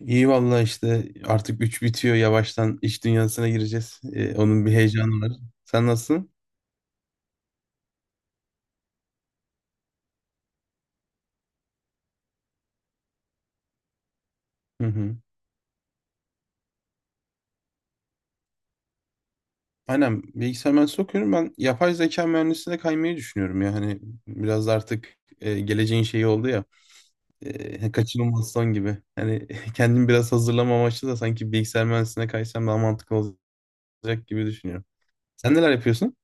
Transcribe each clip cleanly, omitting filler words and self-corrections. İyi valla işte artık 3 bitiyor yavaştan iş dünyasına gireceğiz. Onun bir heyecanı var. Sen nasılsın? Hı hı. Aynen, bilgisayar mühendisliği okuyorum. Ben yapay zeka mühendisliğine kaymayı düşünüyorum ya. Hani biraz da artık geleceğin şeyi oldu ya. Kaçınılmaz son gibi. Hani kendimi biraz hazırlama amaçlı da sanki bilgisayar mühendisliğine kaysam daha mantıklı olacak gibi düşünüyorum. Sen neler yapıyorsun?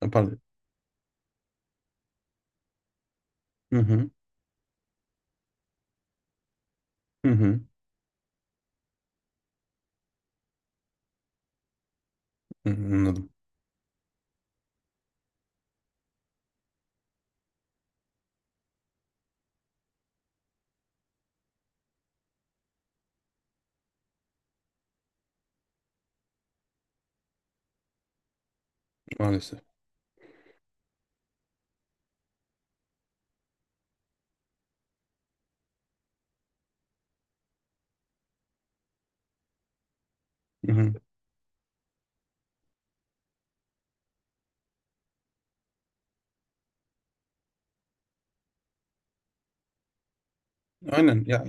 Ha, pardon. Hı hı. Hı hı. Hı hı. Anladım, maalesef. Hı hı. Aynen ya.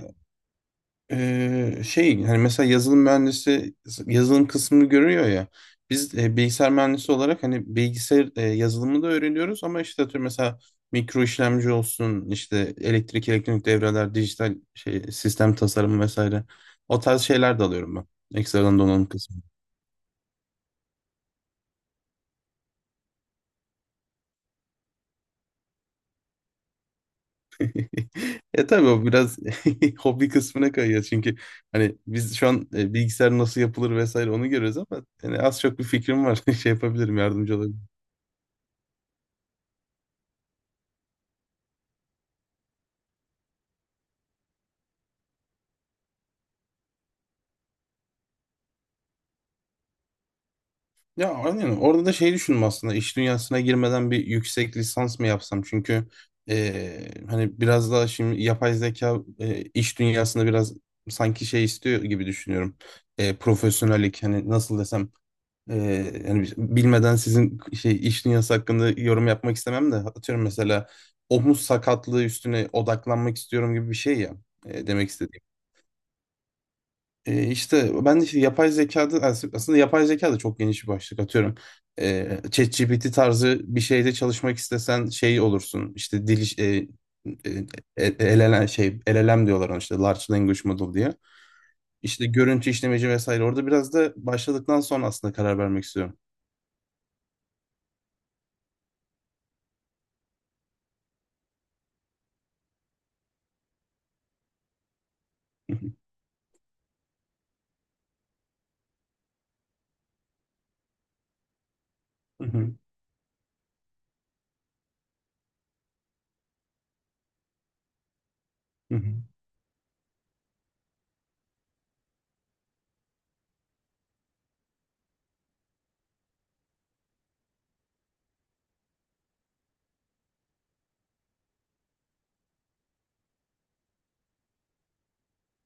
Şey, hani mesela yazılım mühendisi yazılım kısmını görüyor ya, biz bilgisayar mühendisi olarak hani bilgisayar yazılımı da öğreniyoruz ama işte atıyorum mesela mikro işlemci olsun, işte elektrik elektronik devreler, dijital şey, sistem tasarımı vesaire, o tarz şeyler de alıyorum ben, ekstradan donanım kısmı. E tabii, o biraz hobi kısmına kayıyor çünkü hani biz şu an bilgisayar nasıl yapılır vesaire onu görüyoruz, ama yani az çok bir fikrim var. Şey yapabilirim, yardımcı. Ya aynen, orada da şey düşündüm aslında, iş dünyasına girmeden bir yüksek lisans mı yapsam, çünkü hani biraz daha şimdi yapay zeka iş dünyasında biraz sanki şey istiyor gibi düşünüyorum. Profesyonellik, hani nasıl desem, hani bilmeden sizin şey iş dünyası hakkında yorum yapmak istemem de, atıyorum mesela omuz sakatlığı üstüne odaklanmak istiyorum gibi bir şey ya. Demek işte ben de işte yapay zekada aslında yapay zeka da çok geniş bir başlık, atıyorum. E, ChatGPT tarzı bir şeyde çalışmak istesen şey olursun. İşte dil iş- e, e, e, LLM, LLM diyorlar ona, işte Large Language Model diye. İşte görüntü işlemeci vesaire. Orada biraz da başladıktan sonra aslında karar vermek istiyorum. Hı hı. Hı hı. Hı hı.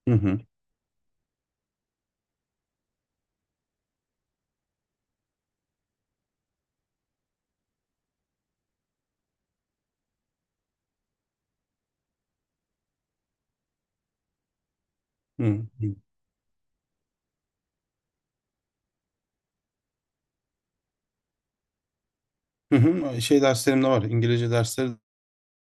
Hı hı. Hı hı. Hı hı. Şey, derslerim de var. İngilizce dersleri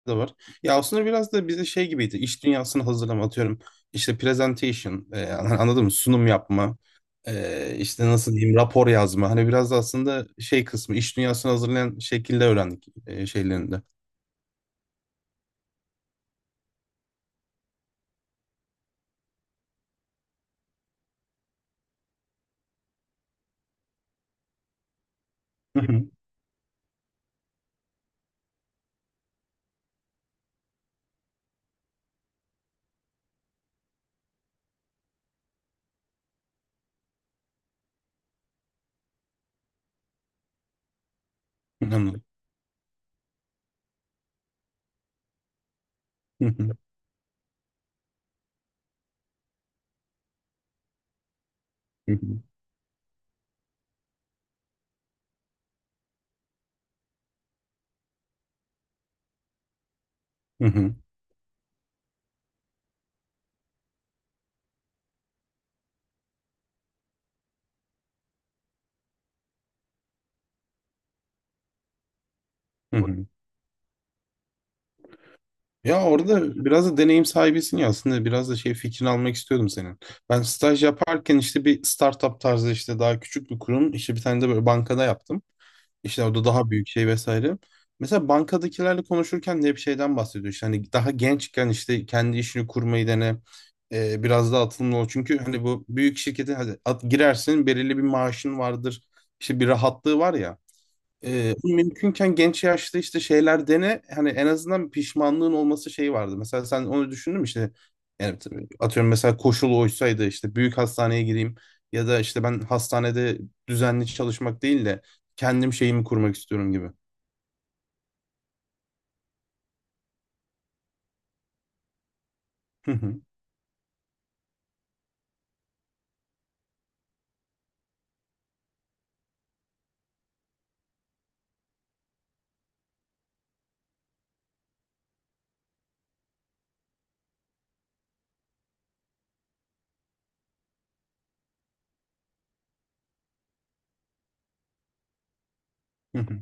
da var. Ya aslında biraz da bize şey gibiydi. İş dünyasını hazırlama, atıyorum. İşte presentation, anladın mı? Sunum yapma, işte nasıl diyeyim, rapor yazma. Hani biraz da aslında şey kısmı iş dünyasını hazırlayan şekilde öğrendik şeylerinde. Hı hı. Anladım. Hı hı. Hı hı. Hı hı. Hı hı. Ya orada biraz da deneyim sahibisin ya, aslında biraz da şey fikrini almak istiyordum senin. Ben staj yaparken işte bir startup tarzı, işte daha küçük bir kurum, işte bir tane de böyle bankada yaptım. İşte orada daha büyük şey vesaire. Mesela bankadakilerle konuşurken de hep şeyden bahsediyor. İşte hani daha gençken işte kendi işini kurmayı dene. Biraz daha atılımlı ol. Çünkü hani bu büyük şirkete hadi at, girersin, belirli bir maaşın vardır. İşte bir rahatlığı var ya. Mümkünken genç yaşta işte şeyler dene, hani en azından bir pişmanlığın olması şeyi vardı. Mesela sen onu düşündün mü işte, yani tabii atıyorum mesela koşul oysaydı işte büyük hastaneye gireyim, ya da işte ben hastanede düzenli çalışmak değil de kendim şeyimi kurmak istiyorum gibi. Hı hı. Hı hı.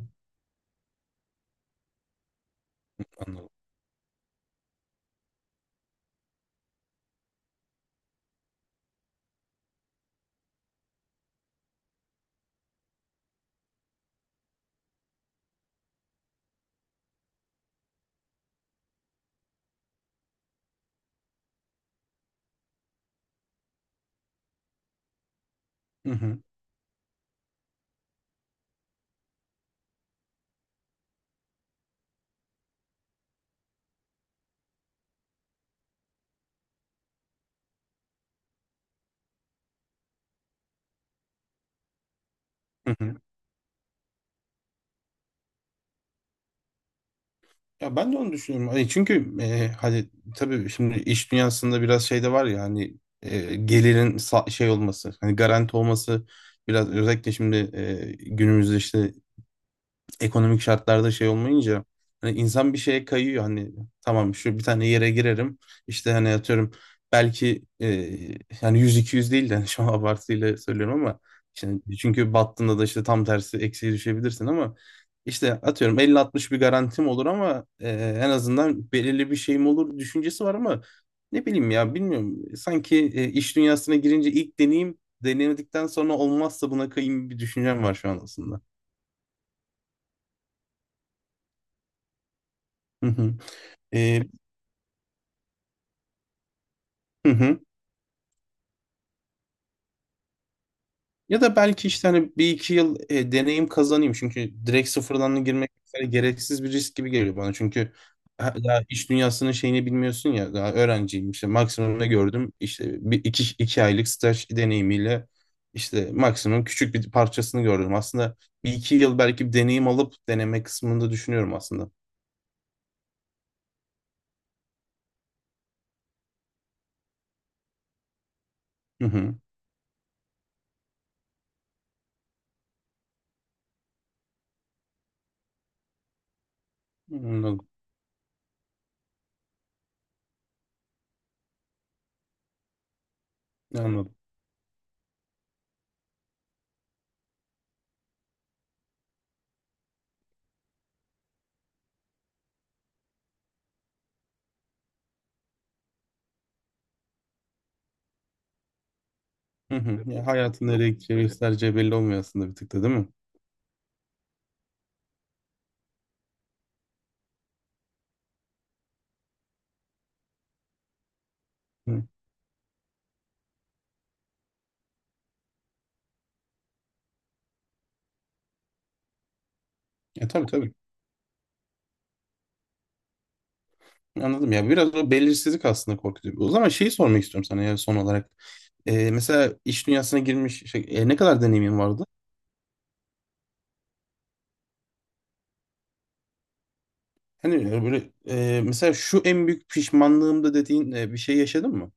Anladım. Hı hı. Hı hı. Ya ben de onu düşünüyorum. Hani çünkü hani tabii şimdi iş dünyasında biraz şey de var ya, hani gelirin şey olması, hani garanti olması, biraz özellikle şimdi günümüzde işte ekonomik şartlarda şey olmayınca hani insan bir şeye kayıyor, hani tamam şu bir tane yere girerim, işte hani atıyorum belki yani 100-200 değil de hani şu an abartıyla söylüyorum ama şimdi çünkü battığında da işte tam tersi eksiye düşebilirsin, ama işte atıyorum 50-60 bir garantim olur, ama en azından belirli bir şeyim olur düşüncesi var, ama ne bileyim ya, bilmiyorum, sanki iş dünyasına girince ilk deneyim, denemedikten sonra olmazsa buna kayayım bir düşüncem var şu an aslında. Hı hı. Hı hı. Ya da belki işte hani bir iki yıl deneyim kazanayım. Çünkü direkt sıfırdan girmek mesela gereksiz bir risk gibi geliyor bana. Çünkü daha iş dünyasının şeyini bilmiyorsun ya. Daha öğrenciyim, işte maksimum ne gördüm? İşte bir iki, iki aylık staj deneyimiyle işte maksimum küçük bir parçasını gördüm. Aslında bir iki yıl belki bir deneyim alıp deneme kısmında düşünüyorum aslında. Hı hı. Anladım. Anladım. Hı hı. Ya hayatın nereye gideceği, göstereceği belli olmuyor aslında bir tık da, değil mi? Hı. E tabii, tabii. Anladım ya, biraz o belirsizlik aslında korkutuyor. O zaman şeyi sormak istiyorum sana ya, son olarak. Mesela iş dünyasına girmiş şey, ne kadar deneyimin vardı? Hani böyle mesela şu en büyük pişmanlığımda dediğin bir şey yaşadın mı?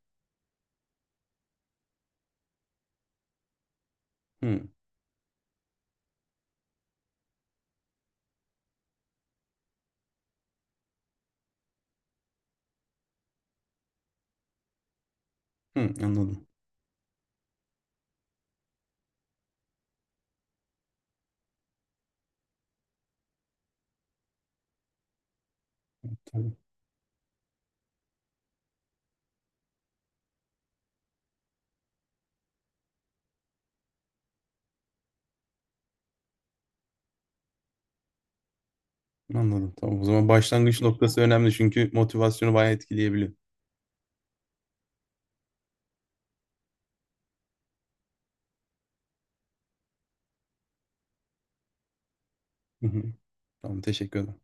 Hı, hı, anladım. Tamam, anladım. Tamam, o zaman başlangıç noktası önemli çünkü motivasyonu bayağı etkileyebiliyor. Hı hı. Tamam, teşekkür ederim.